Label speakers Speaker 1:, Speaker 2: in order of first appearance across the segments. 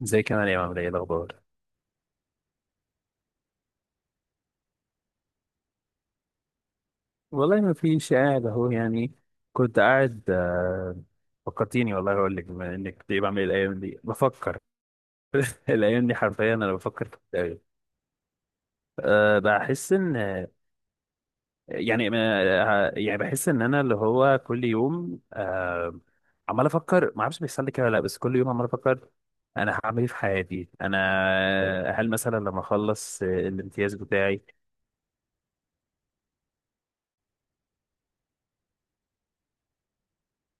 Speaker 1: زي كمان يا عامل ايه الاخبار. والله ما فيش قاعد اهو يعني. كنت قاعد فكرتيني والله اقول لك بما انك ايه بعمل إيه الايام دي بفكر. الايام دي حرفيا انا بفكر في التأويل. أه بحس ان يعني بحس ان انا اللي هو كل يوم أه عمال افكر، ما اعرفش بيحصل لي كده ولا لا، بس كل يوم عمال افكر انا هعمل ايه في حياتي انا. هل مثلا لما اخلص الامتياز بتاعي؟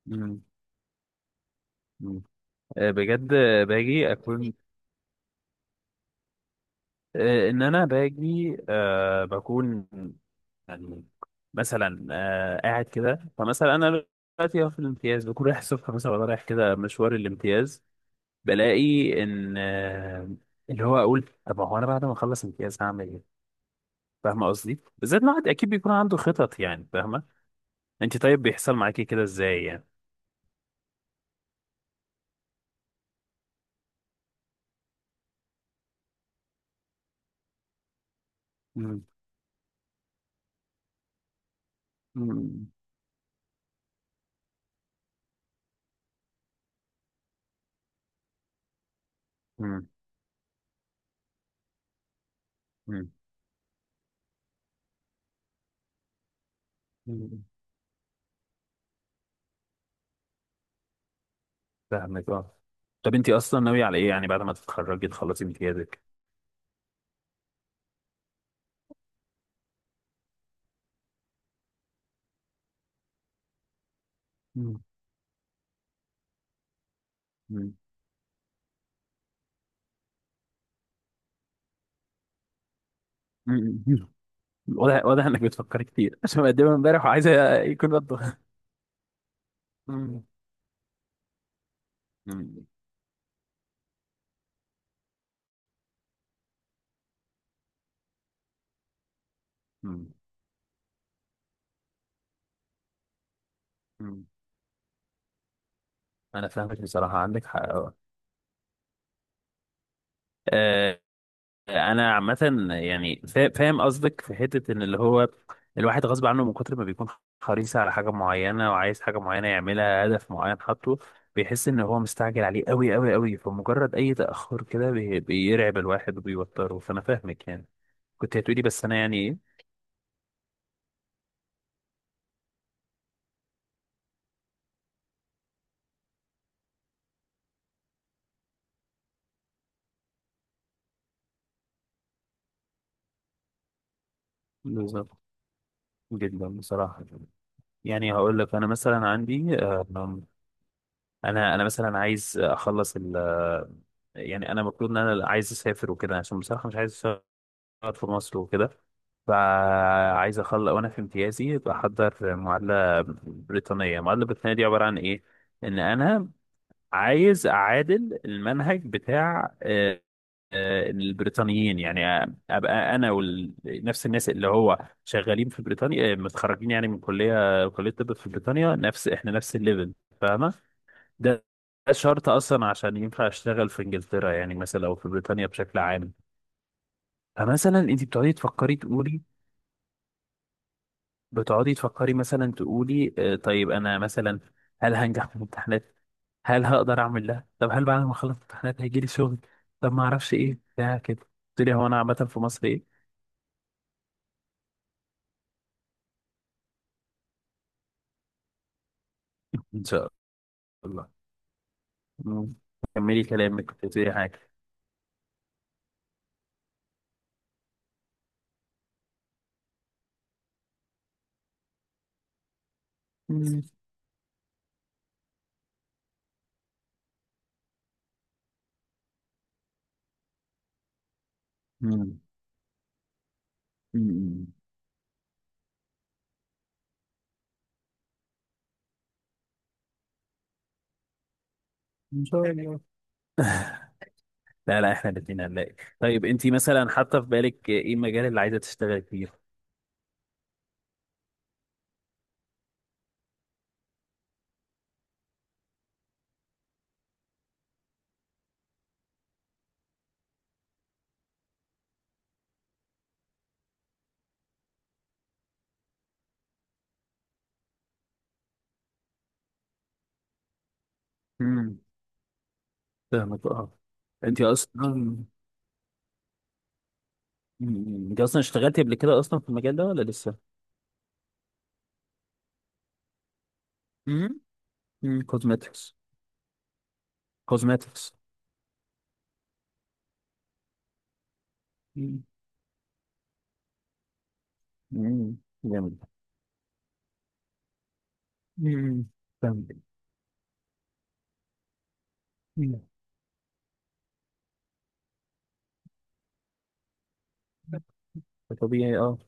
Speaker 1: مم. مم. آه، بجد باجي اكون، آه، ان انا باجي، آه، بكون يعني مثلا، آه، قاعد كده. فمثلا انا دلوقتي أهو في الامتياز بكون رايح الصبح مثلا، وأنا رايح كده مشوار الامتياز بلاقي ان، آه، اللي هو اقول طب هو انا بعد ما اخلص امتياز هعمل ايه؟ فاهمه قصدي؟ بالذات إن الواحد اكيد بيكون عنده خطط يعني، فاهمه؟ انت طيب بيحصل معاكي كده ازاي يعني؟ مم. مم. مم. مم. مم. فاهمك اه. طب انت اصلا ناويه على ايه يعني بعد ما تتخرجي تخلصي امتيازك؟ مم. مم. واضح واضح انك بتفكر كتير عشان مقدمها امبارح وعايزه يكون رده. مم. مم. مم. مم. انا فاهمك بصراحه، عندك حق أه. آه، انا عامه يعني فاهم قصدك في حته ان اللي هو الواحد غصب عنه من كتر ما بيكون حريص على حاجه معينه وعايز حاجه معينه يعملها، هدف معين حاطه، بيحس ان هو مستعجل عليه قوي قوي قوي، فمجرد اي تاخر كده بيرعب الواحد وبيوتره. فانا فاهمك يعني. كنت هتقولي بس انا يعني ايه. بالظبط. جدا بصراحه. يعني هقول لك انا مثلا عندي، انا مثلا عايز اخلص ال، يعني انا المفروض ان انا عايز اسافر وكده، عشان بصراحه مش عايز اشتغل في مصر وكده. فعايز اخلص وانا في امتيازي بحضر معادله بريطانيه. المعادله البريطانيه دي عباره عن ايه؟ ان انا عايز اعادل المنهج بتاع، البريطانيين يعني، ابقى انا ونفس الناس اللي هو شغالين في بريطانيا، آه، متخرجين يعني من كليه كليه طب في بريطانيا، نفس احنا نفس الليفل، فاهمه. ده ده شرط اصلا عشان ينفع اشتغل في انجلترا يعني مثلا، او في بريطانيا بشكل عام. فمثلا انت بتقعدي تفكري تقولي، بتقعدي تفكري مثلا تقولي، آه، طيب انا مثلا هل هنجح في الامتحانات؟ هل هقدر اعمل ده؟ طب هل بعد ما اخلص امتحانات هيجي لي شغل؟ طب ما اعرفش ايه بتاع كده. قلت لي هو انا عامه في مصر ايه. ان شاء الله. الله. مم. كملي كلامك، كنت بتقولي حاجة. مم. مم. مم. ان شاء الله. لا لا، احنا الاثنين هنلاقي. طيب انت مثلا حاطه في بالك ايه المجال اللي عايزه تشتغلي فيه؟ امم. فاهمك اه. انت اصلا. مم. انت اصلا اشتغلتي قبل كده اصلا في المجال ده ولا لسه؟ امم. كوزماتكس. كوزماتكس. امم. جامد. امم. فاهمك. مم. طبيعي اه.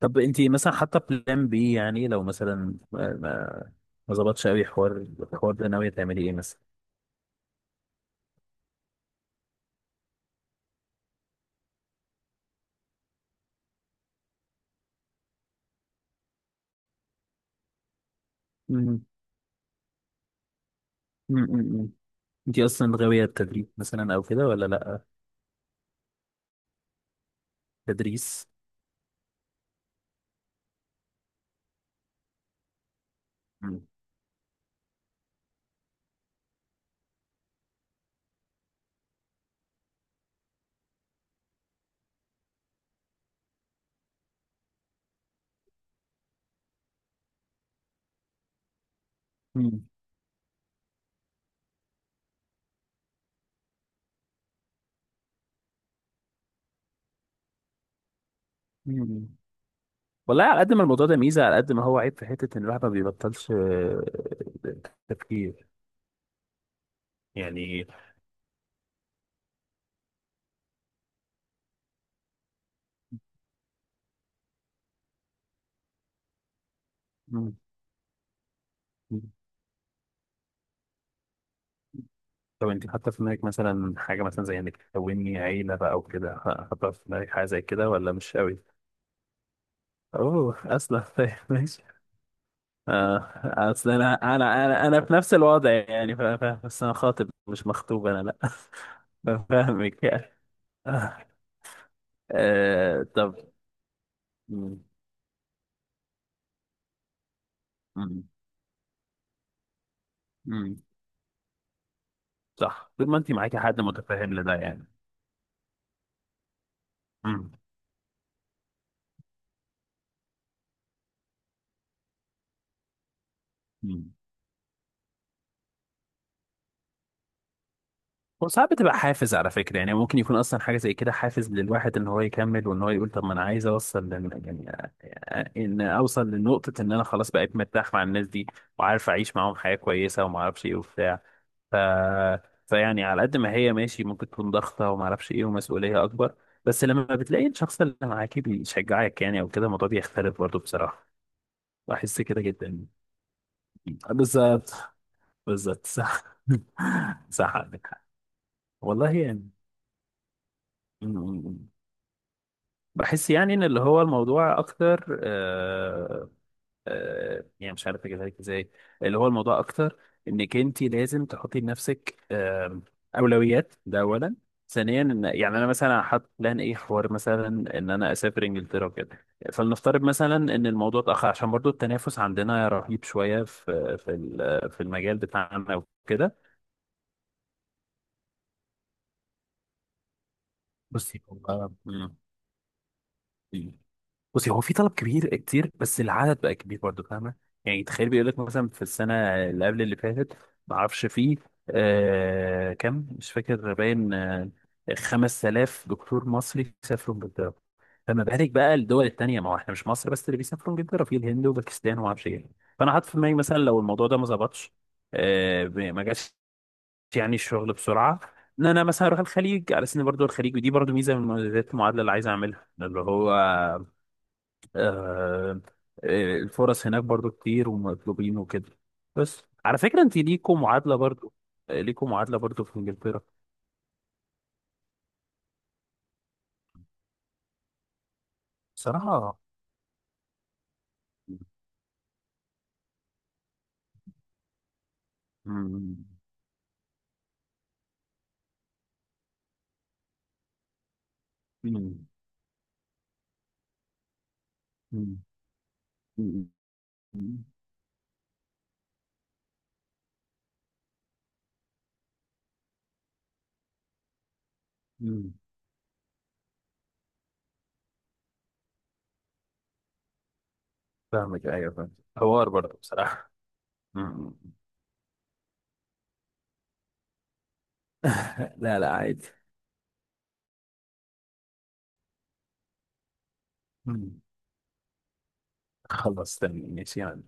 Speaker 1: طب انت مثلا حاطه بلان بي يعني لو مثلا، ما ظبطش قوي حوار الحوار ده، ناوية تعملي ايه مثلا؟ مم. مم. مم. انتي اصلا غاوية التدريب مثلا او كده ولا لا؟ تدريس. مم. مم. مم. والله على قد ما الموضوع ده ميزة، على قد ما هو عيب في حتة ان الواحد ما بيبطلش، تفكير يعني. مم. طب انت حاطة في دماغك مثلا حاجة مثلا زي انك تكوني عيلة بقى او كده؟ حاطة في دماغك حاجة زي كده ولا مش قوي؟ اوه، اصلا ماشي. اه اصل انا انا، انا في نفس الوضع يعني فاهم. بس انا خاطب مش مخطوب انا، لا. فاهمك يعني. آه. آه. طب. مم. مم. مم. صح، طول ما انت معاكي حد متفاهم لده يعني. مم. مم. وساعات بتبقى حافز على فكرة. يعني ممكن يكون أصلا حاجة زي كده حافز للواحد إن هو يكمل، وإن هو يقول طب ما أنا عايز أوصل يعني، آه، إن أوصل لنقطة إن أنا خلاص بقيت مرتاح مع الناس دي، وعارف أعيش معاهم حياة كويسة وما أعرفش إيه وبتاع ف... فيعني على قد ما هي ماشي ممكن تكون ضغطة وما اعرفش ايه ومسؤولية اكبر، بس لما بتلاقي الشخص اللي معاك بيشجعك يعني او كده، الموضوع بيختلف برضه بصراحة. بحس كده جدا. بالظبط. بالظبط صح. صح عندك حق. والله يعني. م- م- م. بحس يعني ان اللي هو الموضوع اكتر، يعني مش عارف اجيبها لك ازاي. اللي هو الموضوع اكتر انك انت لازم تحطي لنفسك، اولويات، ده اولا. ثانيا ان، يعني انا مثلا حاطط بلان ايه حوار مثلا، ان انا اسافر انجلترا وكده. فلنفترض مثلا ان الموضوع اتاخر، عشان برضو التنافس عندنا رهيب شويه في المجال بتاعنا وكده. بصي هو، مم. بصي هو في طلب كبير كتير، بس العدد بقى كبير برضه، فاهمه. يعني تخيل بيقول لك مثلا في السنه اللي قبل اللي فاتت، ما اعرفش فيه، آه كم مش فاكر، باين آه 5,000 دكتور مصري سافروا انجلترا. فما بالك بقى الدول التانيه، ما هو احنا مش مصر بس اللي بيسافروا انجلترا، في الهند وباكستان وما اعرفش ايه. فانا حاطط في دماغي مثلا لو الموضوع ده ما ظبطش، آه ما جاش يعني الشغل بسرعه، ان انا مثلا اروح الخليج على سن برضه. الخليج ودي برضه ميزه من مميزات المعادله اللي عايز اعملها، اللي هو، آه، الفرص هناك برضو كتير، ومطلوبين وكده. بس على فكرة انت ليكوا معادلة برضو، آه، ليكوا معادلة برضو في انجلترا. بصراحة مم، مم، مم، مم، مم. فاهمك ايوه، فاهم حوار برضو بصراحة. مم. لا لا عادي. مم. خلاص تمام ماشي يعني.